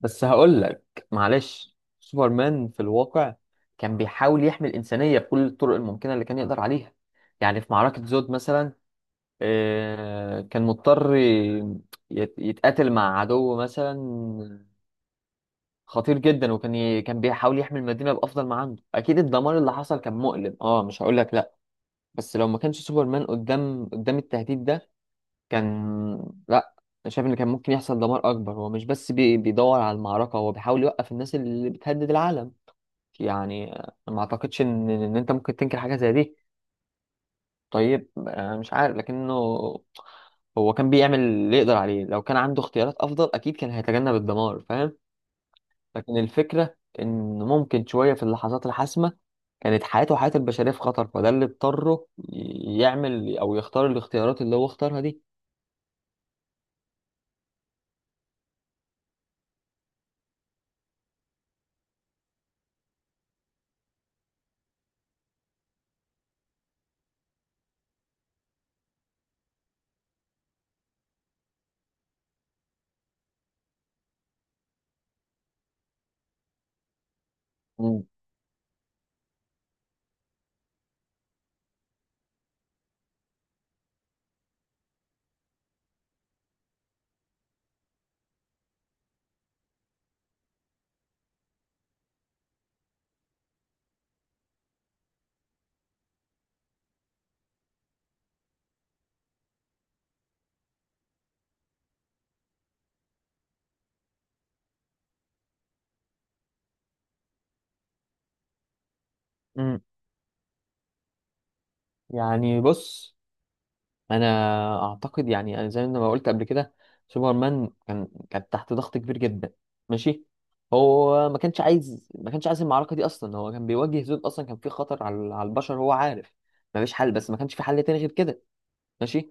بس هقول لك معلش سوبرمان في الواقع كان بيحاول يحمي الإنسانية بكل الطرق الممكنة اللي كان يقدر عليها. يعني في معركة زود مثلا كان مضطر يتقاتل مع عدو مثلا خطير جدا، وكان كان بيحاول يحمي المدينة بأفضل ما عنده. أكيد الدمار اللي حصل كان مؤلم، اه مش هقول لك لا. بس لو ما كانش سوبرمان قدام التهديد ده، كان لا، أنا شايف ان كان ممكن يحصل دمار اكبر. هو مش بس بيدور على المعركه، هو بيحاول يوقف الناس اللي بتهدد العالم. يعني ما اعتقدش ان انت ممكن تنكر حاجه زي دي. طيب مش عارف، لكنه هو كان بيعمل اللي يقدر عليه. لو كان عنده اختيارات افضل، اكيد كان هيتجنب الدمار، فاهم. لكن الفكره ان ممكن شويه في اللحظات الحاسمه كانت حياته وحياه البشريه في خطر، فده اللي اضطره يعمل او يختار الاختيارات اللي هو اختارها دي. مم. مم. يعني بص، انا اعتقد، يعني أنا زي ما قلت قبل كده، سوبرمان كان تحت ضغط كبير جدا، ماشي. هو ما كانش عايز، المعركه دي اصلا. هو كان بيواجه زون اصلا، كان في خطر على البشر، هو عارف ما فيش حل. بس ما كانش في حل تاني غير كده، ماشي.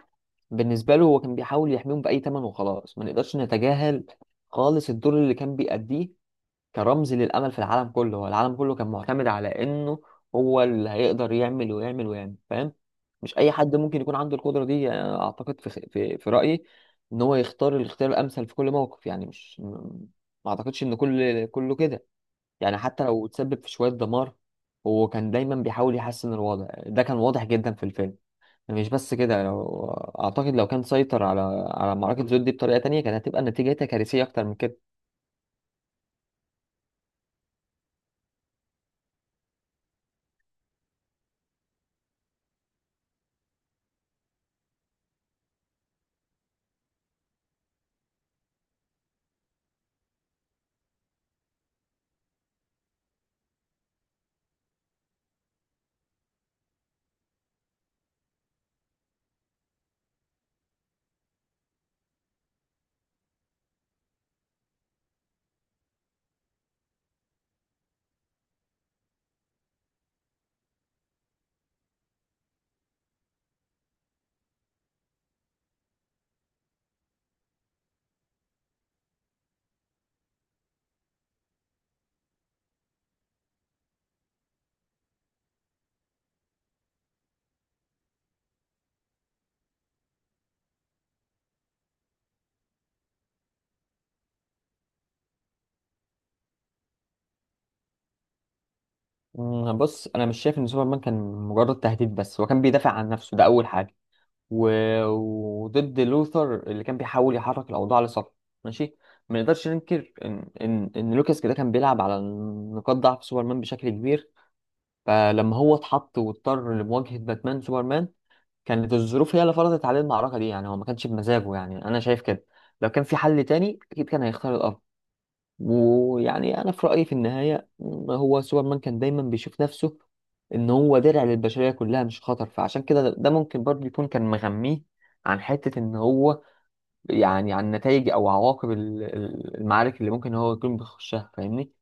بالنسبه له، هو كان بيحاول يحميهم باي ثمن وخلاص. ما نقدرش نتجاهل خالص الدور اللي كان بيأديه. كان رمز للأمل في العالم كله. هو العالم كله كان معتمد على إنه هو اللي هيقدر يعمل ويعمل ويعمل، فاهم. مش أي حد ممكن يكون عنده القدرة دي. يعني أنا أعتقد، في رأيي، إن هو يختار الاختيار الأمثل في كل موقف. يعني مش م- ما أعتقدش إن كله كده. يعني حتى لو تسبب في شوية دمار، هو كان دايما بيحاول يحسن الوضع. ده كان واضح جدا في الفيلم. مش بس كده، لو أعتقد لو كان سيطر على معركة زود دي بطريقة تانية، كانت هتبقى نتيجتها كارثية أكتر من كده. مم، بص، انا مش شايف ان سوبرمان كان مجرد تهديد. بس هو كان بيدافع عن نفسه، ده اول حاجه. و... وضد لوثر اللي كان بيحاول يحرك الاوضاع لصالحه، ماشي. ما نقدرش ننكر ان لوكاس كده كان بيلعب على نقاط ضعف سوبرمان بشكل كبير. فلما هو اتحط واضطر لمواجهه باتمان، سوبرمان كانت الظروف هي اللي فرضت عليه المعركه دي. يعني هو ما كانش بمزاجه، يعني انا شايف كده. لو كان في حل تاني اكيد كان هيختار. ويعني انا في رايي في النهايه، هو سوبرمان كان دايما بيشوف نفسه ان هو درع للبشريه كلها، مش خطر. فعشان كده ده ممكن برضه يكون كان مغميه عن حته ان هو، يعني عن نتائج او عواقب المعارك اللي ممكن هو يكون بيخشها، فاهمني.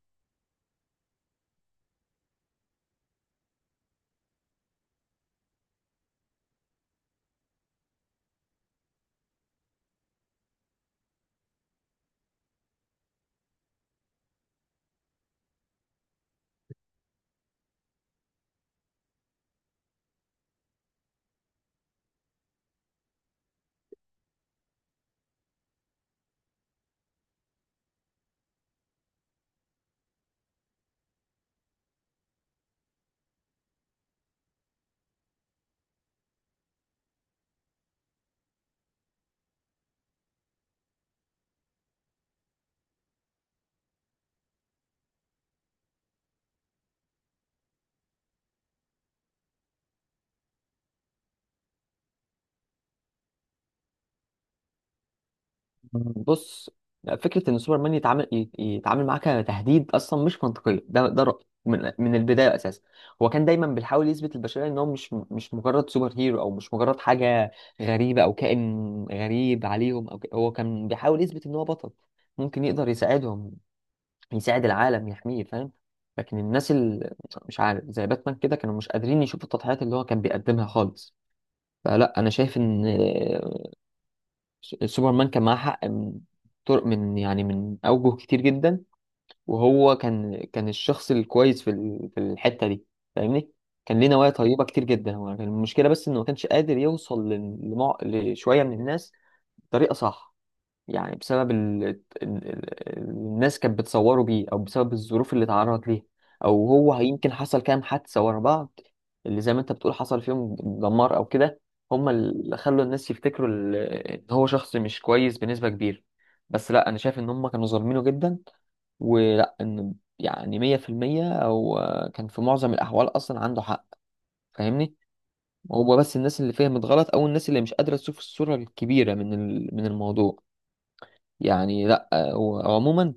بص، فكرة إن سوبرمان يتعامل يتعامل معاك كتهديد أصلا مش منطقية. ده رأيي من البداية أساسا. هو كان دايما بيحاول يثبت للبشرية إن هو مش مجرد سوبر هيرو، أو مش مجرد حاجة غريبة أو كائن غريب عليهم. أو هو كان بيحاول يثبت إن هو بطل ممكن يقدر يساعدهم، يساعد العالم، يحميه، فاهم. لكن الناس اللي، مش عارف، زي باتمان كده، كانوا مش قادرين يشوفوا التضحيات اللي هو كان بيقدمها خالص. فلا، أنا شايف إن سوبرمان كان معاه حق من طرق، من يعني من أوجه كتير جدا. وهو كان الشخص الكويس في في الحتة دي، فاهمني. كان ليه نوايا طيبة كتير جدا. هو كان المشكلة بس إنه ما كانش قادر يوصل لشوية من الناس بطريقة صح. يعني بسبب الناس كانت بتصوره بيه، او بسبب الظروف اللي اتعرض ليها، او هو يمكن حصل كام حادثة ورا بعض اللي زي ما انت بتقول حصل فيهم دمار او كده. هم اللي خلوا الناس يفتكروا ان هو شخص مش كويس بنسبة كبيرة. بس لا، انا شايف ان هم كانوا ظالمينه جدا. ولا ان يعني مية في المية، او كان في معظم الاحوال اصلا عنده حق، فاهمني. هو بس الناس اللي فهمت غلط، او الناس اللي مش قادرة تشوف الصورة الكبيرة من من الموضوع. يعني لا. وعموما،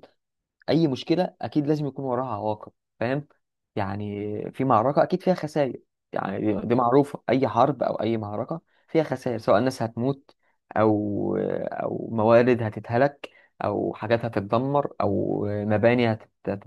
اي مشكله اكيد لازم يكون وراها عواقب، فاهم. يعني في معركه اكيد فيها خسائر. يعني دي معروفه، اي حرب او اي معركه فيها خسائر، سواء ناس هتموت، او او موارد هتتهلك، او حاجات هتتدمر، او مباني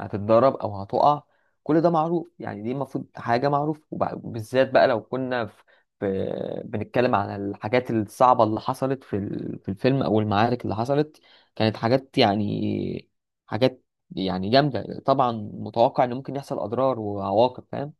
هتتضرب او هتقع. كل ده معروف. يعني دي المفروض حاجه معروفه، وبالذات بقى لو كنا بنتكلم عن الحاجات الصعبه اللي حصلت في في الفيلم، او المعارك اللي حصلت. كانت حاجات يعني حاجات، يعني جامدة طبعا. متوقع ان ممكن يحصل اضرار وعواقب، فاهم.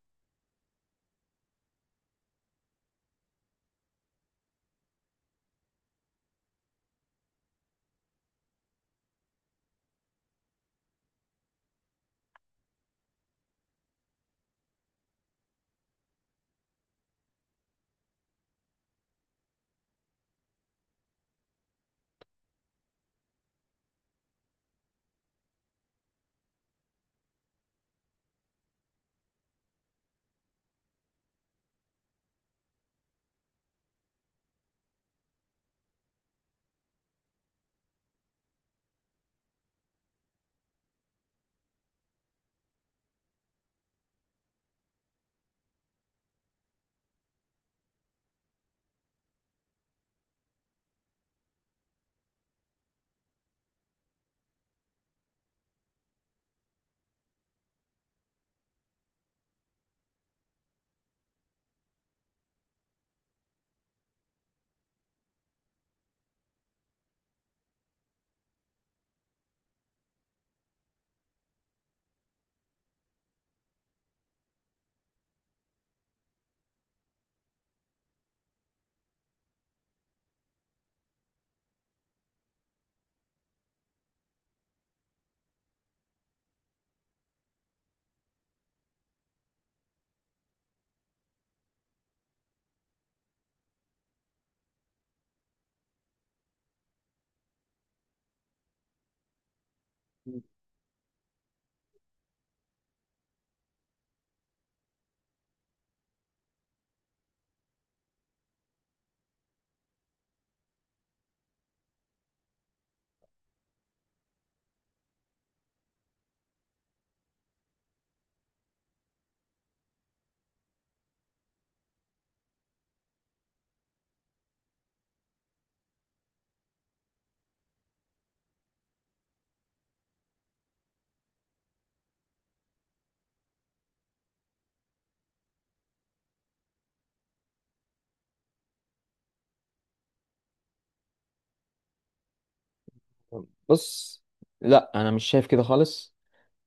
بص، لا انا مش شايف كده خالص.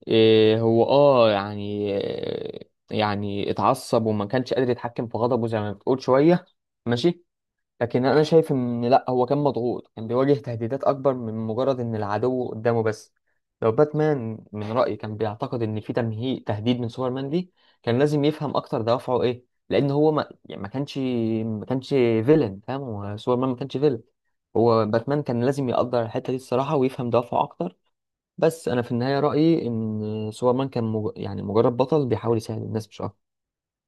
إيه هو اه يعني، يعني اتعصب وما كانش قادر يتحكم في غضبه زي ما بتقول شويه، ماشي. لكن انا شايف ان لا، هو كان مضغوط، كان بيواجه تهديدات اكبر من مجرد ان العدو قدامه بس. لو باتمان من رأيي كان بيعتقد ان في تمهيد تهديد من سوبرمان دي، كان لازم يفهم اكتر دوافعه ايه. لان هو ما يعني ما كانش فيلن، فاهم. هو سوبرمان ما كانش فيلن. هو باتمان كان لازم يقدر الحتة دي الصراحة، ويفهم دوافعه اكتر. بس انا في النهاية رأيي ان سوبرمان كان يعني مجرد بطل بيحاول يساعد الناس مش اكتر.